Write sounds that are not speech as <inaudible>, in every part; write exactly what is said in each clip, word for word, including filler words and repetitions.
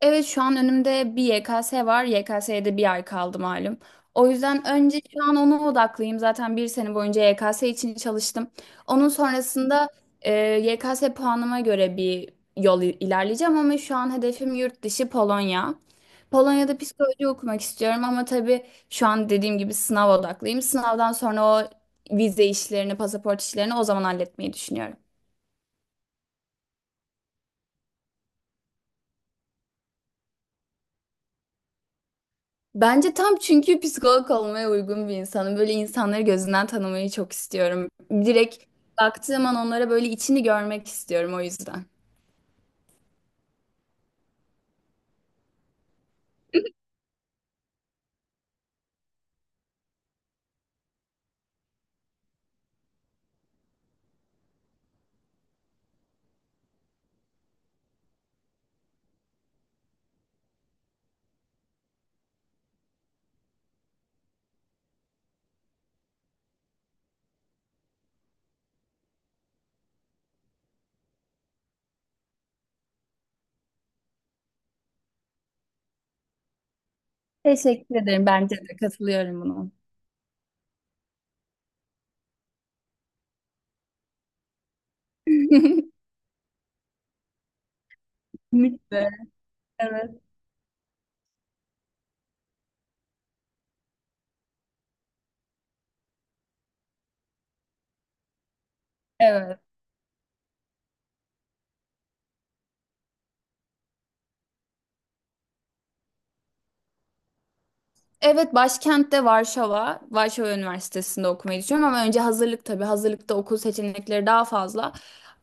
Evet şu an önümde bir Y K S var. Y K S'ye de bir ay kaldı malum. O yüzden önce şu an ona odaklıyım. Zaten bir sene boyunca Y K S için çalıştım. Onun sonrasında e, Y K S puanıma göre bir yol i- ilerleyeceğim ama şu an hedefim yurt dışı Polonya. Polonya'da psikoloji okumak istiyorum ama tabii şu an dediğim gibi sınav odaklıyım. Sınavdan sonra o vize işlerini, pasaport işlerini o zaman halletmeyi düşünüyorum. Bence tam çünkü psikolog olmaya uygun bir insanım. Böyle insanları gözünden tanımayı çok istiyorum. Direkt baktığım an onlara böyle içini görmek istiyorum o yüzden. Teşekkür ederim. Bence de katılıyorum buna. <laughs> Kesinlikle. Evet. Evet. Evet, başkentte Varşova, Varşova Üniversitesi'nde okumayı düşünüyorum ama önce hazırlık tabii. Hazırlıkta okul seçenekleri daha fazla.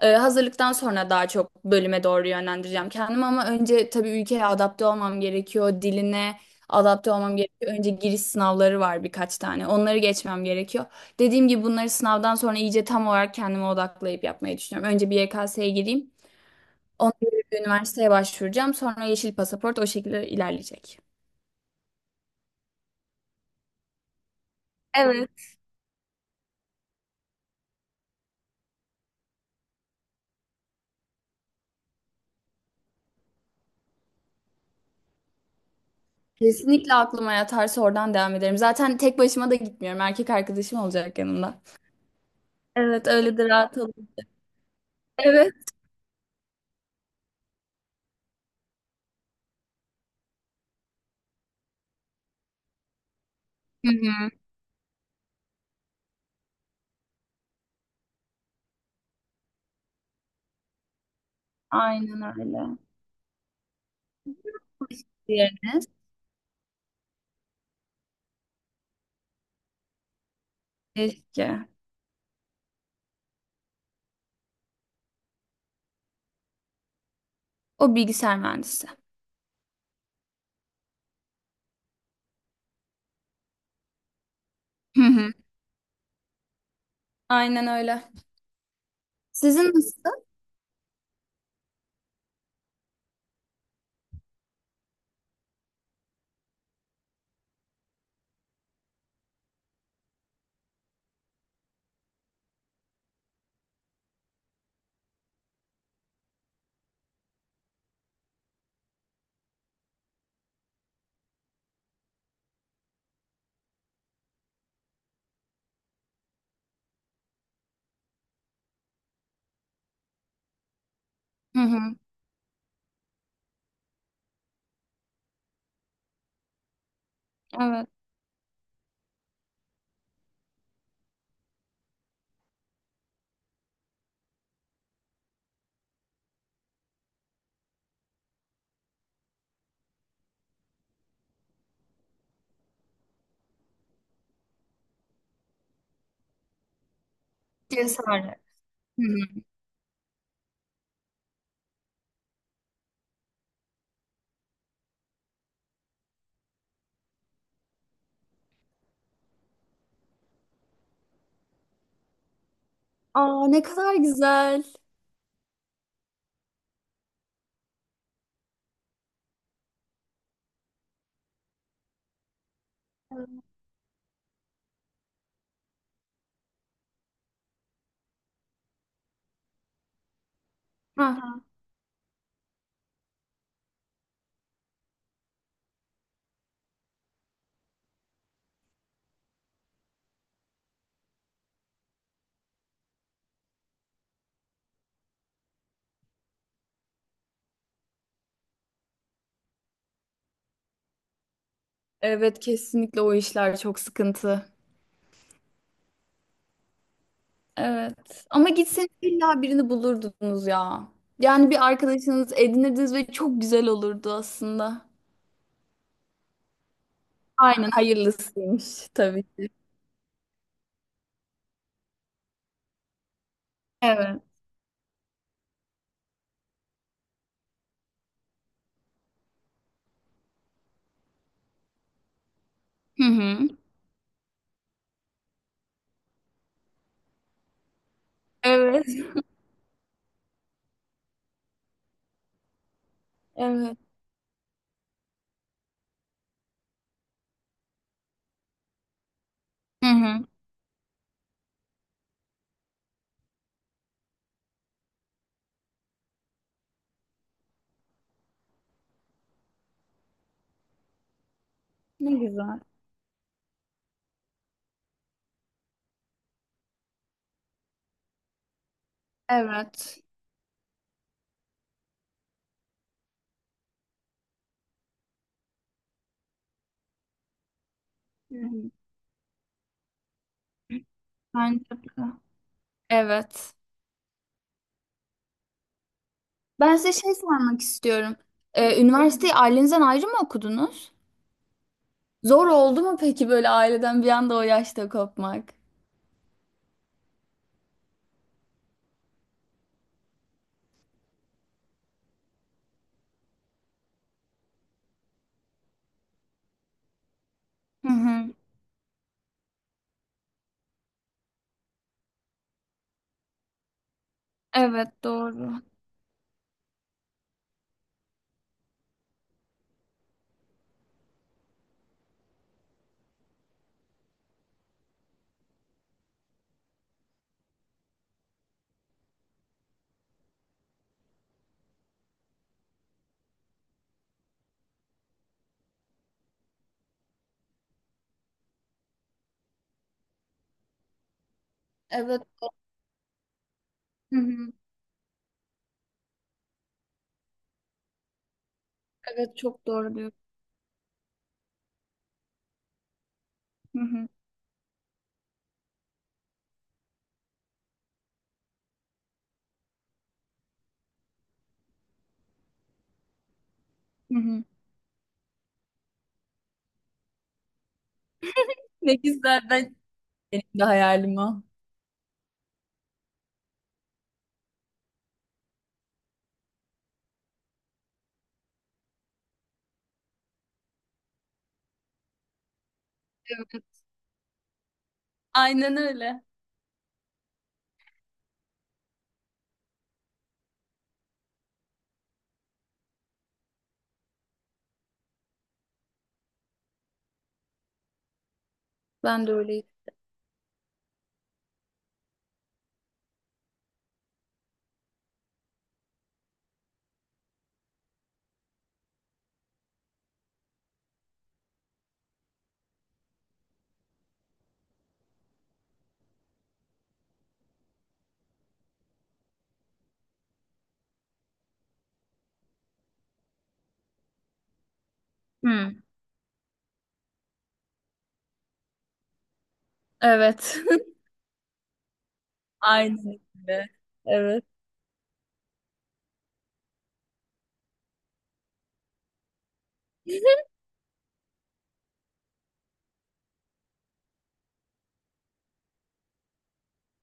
Ee, hazırlıktan sonra daha çok bölüme doğru yönlendireceğim kendimi ama önce tabii ülkeye adapte olmam gerekiyor. Diline adapte olmam gerekiyor. Önce giriş sınavları var birkaç tane. Onları geçmem gerekiyor. Dediğim gibi bunları sınavdan sonra iyice tam olarak kendime odaklayıp yapmayı düşünüyorum. Önce bir Y K S'ye gireyim. Ondan sonra bir üniversiteye başvuracağım. Sonra yeşil pasaport o şekilde ilerleyecek. Evet. Kesinlikle aklıma yatarsa oradan devam ederim. Zaten tek başıma da gitmiyorum. Erkek arkadaşım olacak yanımda. Evet, öyle de rahat olur. Evet. Hı hı. Aynen öyle. Diğeriniz keşke. O bilgisayar mühendisi. Hı hı. Aynen öyle. Sizin nasıl? Hı hı. Evet. Cesaret. Hı hı. Aa ne kadar güzel. Evet. Hı hı. Evet kesinlikle o işler çok sıkıntı. Evet. Ama gitseniz illa birini bulurdunuz ya. Yani bir arkadaşınız edinirdiniz ve çok güzel olurdu aslında. Aynen hayırlısıymış tabii ki. Evet. Hı hı. Evet. Evet. Hı hı. Ne güzel. Evet. Hı hı. Bence de. Evet. Ben size şey sormak istiyorum. Ee, üniversiteyi ailenizden ayrı mı okudunuz? Zor oldu mu peki böyle aileden bir anda o yaşta kopmak? Hı hı. Evet doğru. Evet. Hı hı. Evet çok doğru diyorsun. Hı hı. Hı hı. Ne güzel ben benim de hayalim o. Evet. Aynen öyle. Ben de öyleyim. Hı. Evet. <laughs> Aynen öyle. Evet.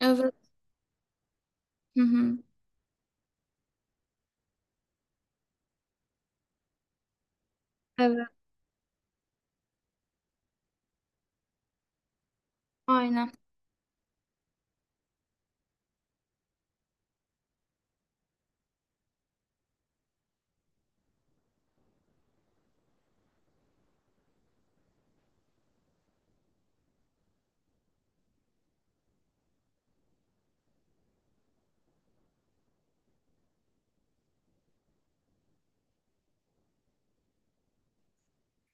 Evet. Hı hı. Evet. Aynen.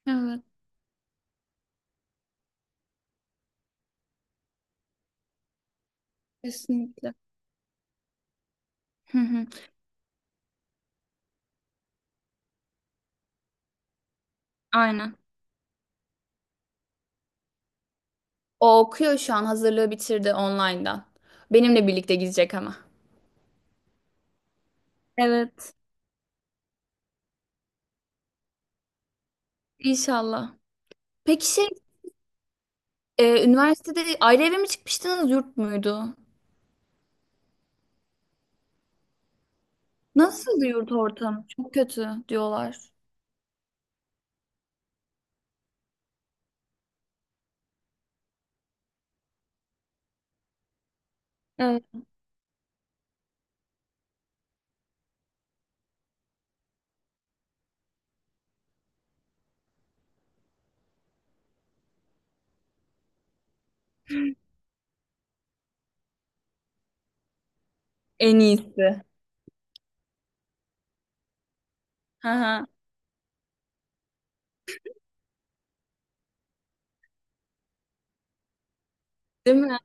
Evet. Kesinlikle. Hı hı. Aynen. O okuyor şu an hazırlığı bitirdi online'dan. Benimle birlikte gidecek ama. Evet. İnşallah. Peki şey e, üniversitede ayrı eve mi çıkmıştınız yurt muydu? Nasıl yurt ortamı? Çok kötü diyorlar. Evet. En iyisi. Hı hı. Değil mi?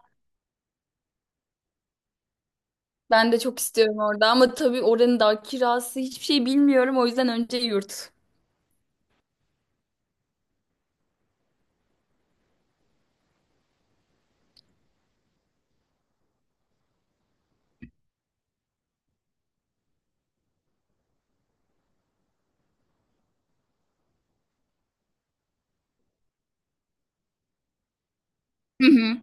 Ben de çok istiyorum orada ama tabii oranın da kirası hiçbir şey bilmiyorum o yüzden önce yurt. Hı hı.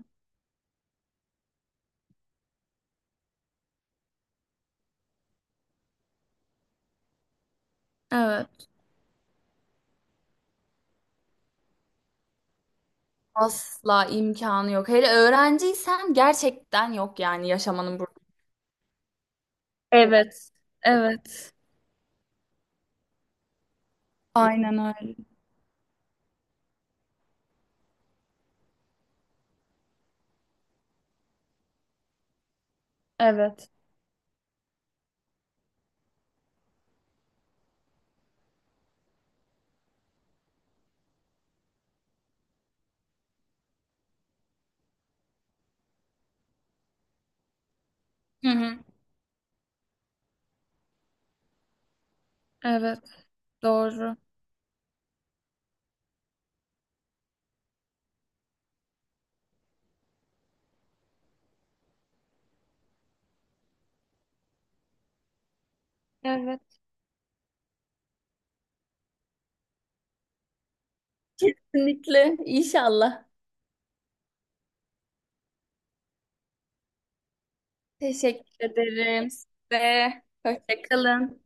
Evet. Asla imkanı yok. Hele öğrenciysen gerçekten yok yani yaşamanın burada. Evet, evet. Aynen öyle. Evet, Hı hı. evet. Doğru. Evet. Kesinlikle. İnşallah. Teşekkür ederim size. Hoşça kalın.